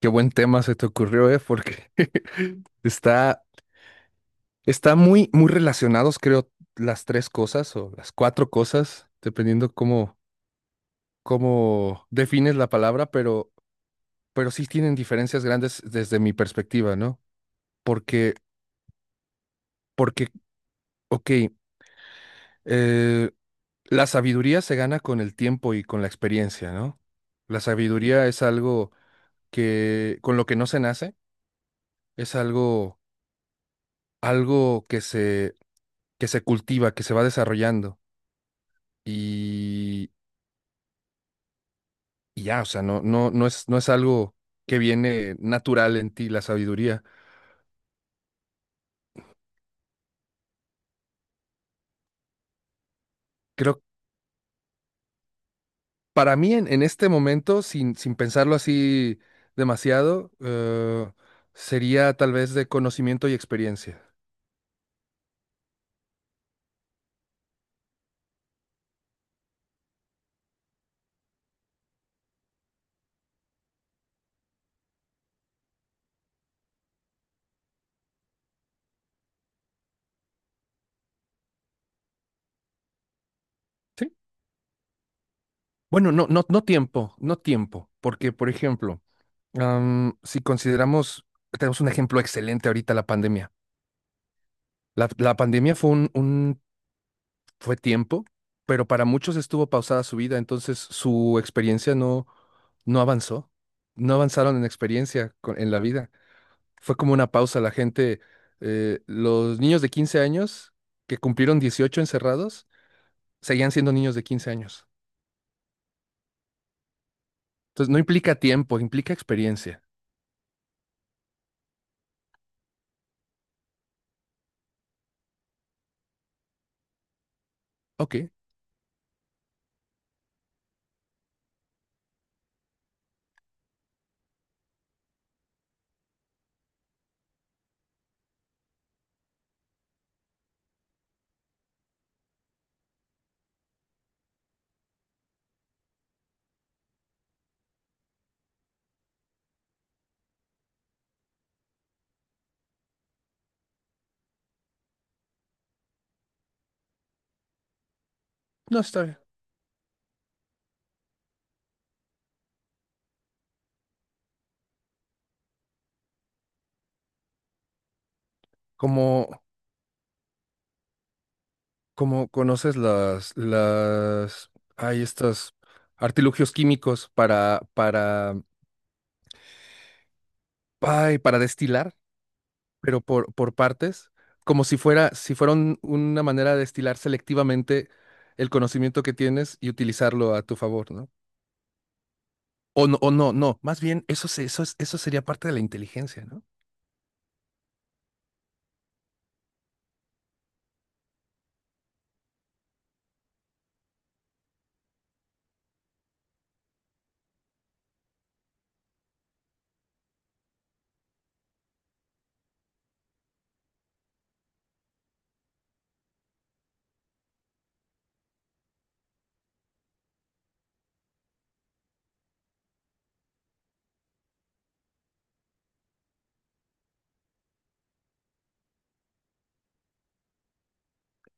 Qué buen tema se te ocurrió, ¿eh? Porque está, está muy, muy relacionados, creo, las tres cosas o las cuatro cosas, dependiendo cómo defines la palabra, pero sí tienen diferencias grandes desde mi perspectiva, ¿no? Porque, porque, ok, eh, la sabiduría se gana con el tiempo y con la experiencia, ¿no? La sabiduría es algo con lo que no se nace, es algo que se cultiva, que se va desarrollando. y, y ya, o sea, no, no, no es algo que viene natural en ti, la sabiduría. Creo, para mí en este momento, sin pensarlo así demasiado, sería tal vez de conocimiento y experiencia. ¿Sí? Bueno, no, no, no tiempo, no tiempo, porque, por ejemplo, si consideramos, tenemos un ejemplo excelente ahorita, la pandemia. La pandemia fue un fue tiempo, pero para muchos estuvo pausada su vida, entonces su experiencia no avanzó, no avanzaron en experiencia en la vida. Fue como una pausa, la gente, los niños de 15 años que cumplieron 18 encerrados, seguían siendo niños de 15 años. Entonces no implica tiempo, implica experiencia. Ok, no está bien. Como, como conoces hay estos artilugios químicos ay, para destilar. Pero por partes, como si fuera una manera de destilar selectivamente el conocimiento que tienes y utilizarlo a tu favor, ¿no? O no, no, más bien eso, eso, eso sería parte de la inteligencia, ¿no?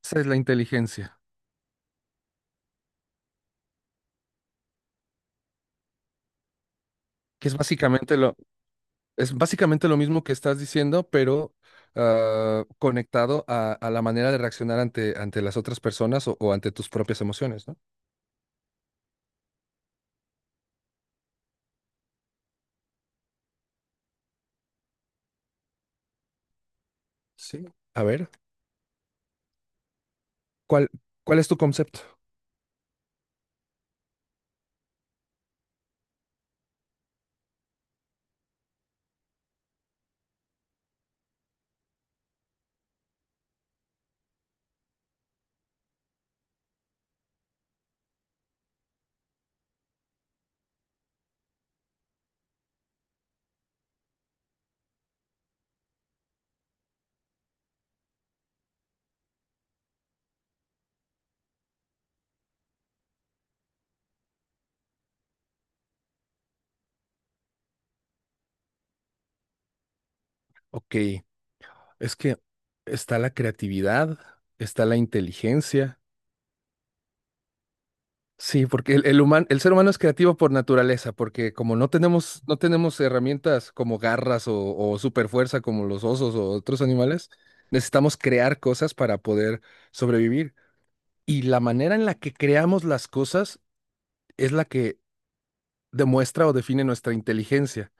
Esa es la inteligencia, que es básicamente lo mismo que estás diciendo, pero conectado a la manera de reaccionar ante las otras personas o ante tus propias emociones, ¿no? Sí. A ver, ¿cuál, cuál es tu concepto? Ok. Es que está la creatividad, está la inteligencia. Sí, porque el ser humano es creativo por naturaleza, porque como no tenemos herramientas como garras o superfuerza como los osos o otros animales, necesitamos crear cosas para poder sobrevivir. Y la manera en la que creamos las cosas es la que demuestra o define nuestra inteligencia.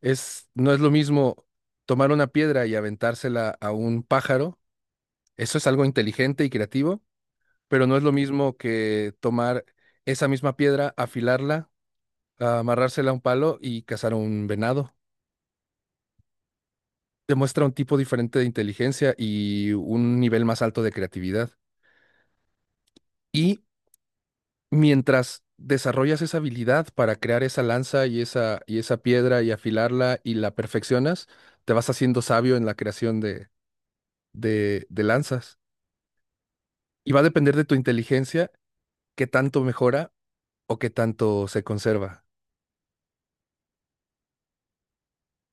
Es, no es lo mismo tomar una piedra y aventársela a un pájaro. Eso es algo inteligente y creativo, pero no es lo mismo que tomar esa misma piedra, afilarla, amarrársela a un palo y cazar un venado. Demuestra un tipo diferente de inteligencia y un nivel más alto de creatividad. Y mientras desarrollas esa habilidad para crear esa lanza y esa piedra y afilarla y la perfeccionas, te vas haciendo sabio en la creación de lanzas. Y va a depender de tu inteligencia qué tanto mejora o qué tanto se conserva.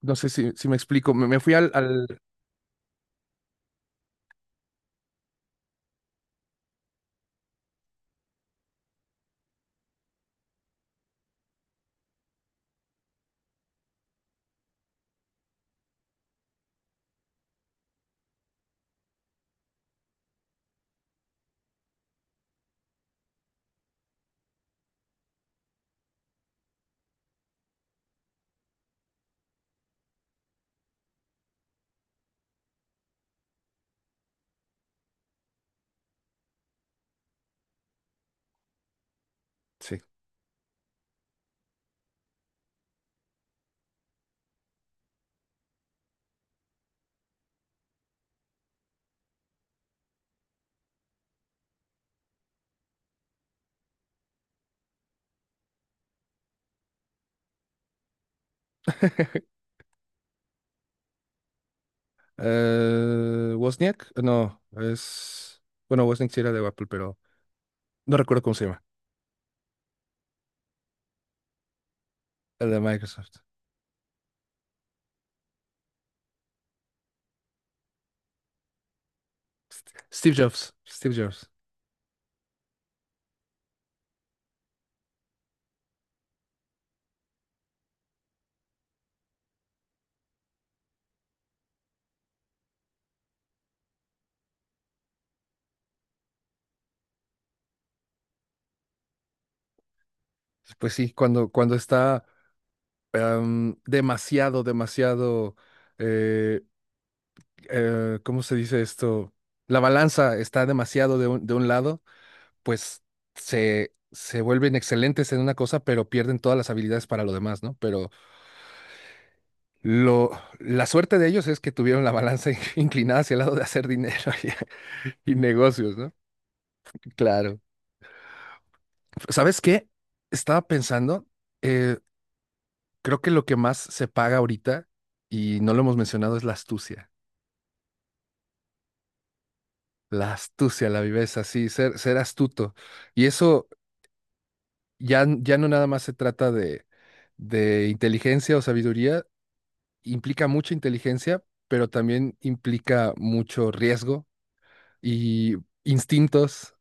No sé si me explico. Me fui al. Sí. Wozniak, no, es... Bueno, Wozniak sí era de Apple, pero no recuerdo cómo se llama. El de Microsoft. Steve Jobs, Steve Jobs. Pues sí, cuando está demasiado. eh, ¿Cómo se dice esto? La balanza está demasiado de un lado, pues se vuelven excelentes en una cosa, pero pierden todas las habilidades para lo demás, ¿no? Pero Lo, la suerte de ellos es que tuvieron la balanza inclinada hacia el lado de hacer dinero y negocios, ¿no? Claro. ¿Sabes qué? Estaba pensando, eh, creo que lo que más se paga ahorita, y no lo hemos mencionado, es la astucia. La astucia, la viveza, sí, ser astuto. Y eso ya no nada más se trata de inteligencia o sabiduría, implica mucha inteligencia, pero también implica mucho riesgo y instintos.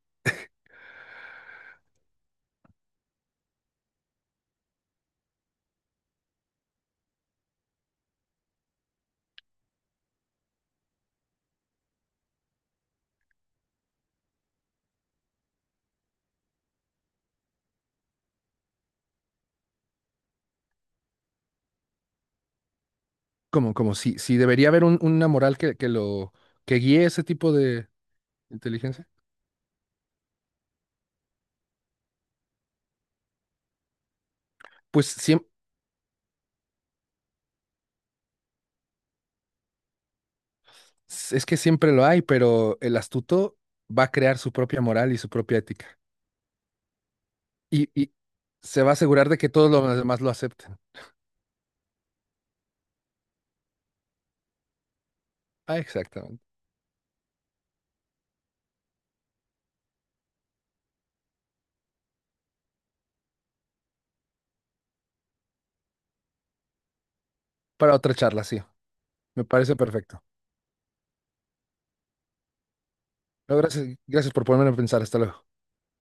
Como si debería haber una moral que lo que guíe ese tipo de inteligencia. Pues es que siempre lo hay, pero el astuto va a crear su propia moral y su propia ética. Y se va a asegurar de que todos los demás lo acepten. Ah, exactamente. Para otra charla, sí. Me parece perfecto. No, gracias, gracias por ponerme a pensar. Hasta luego.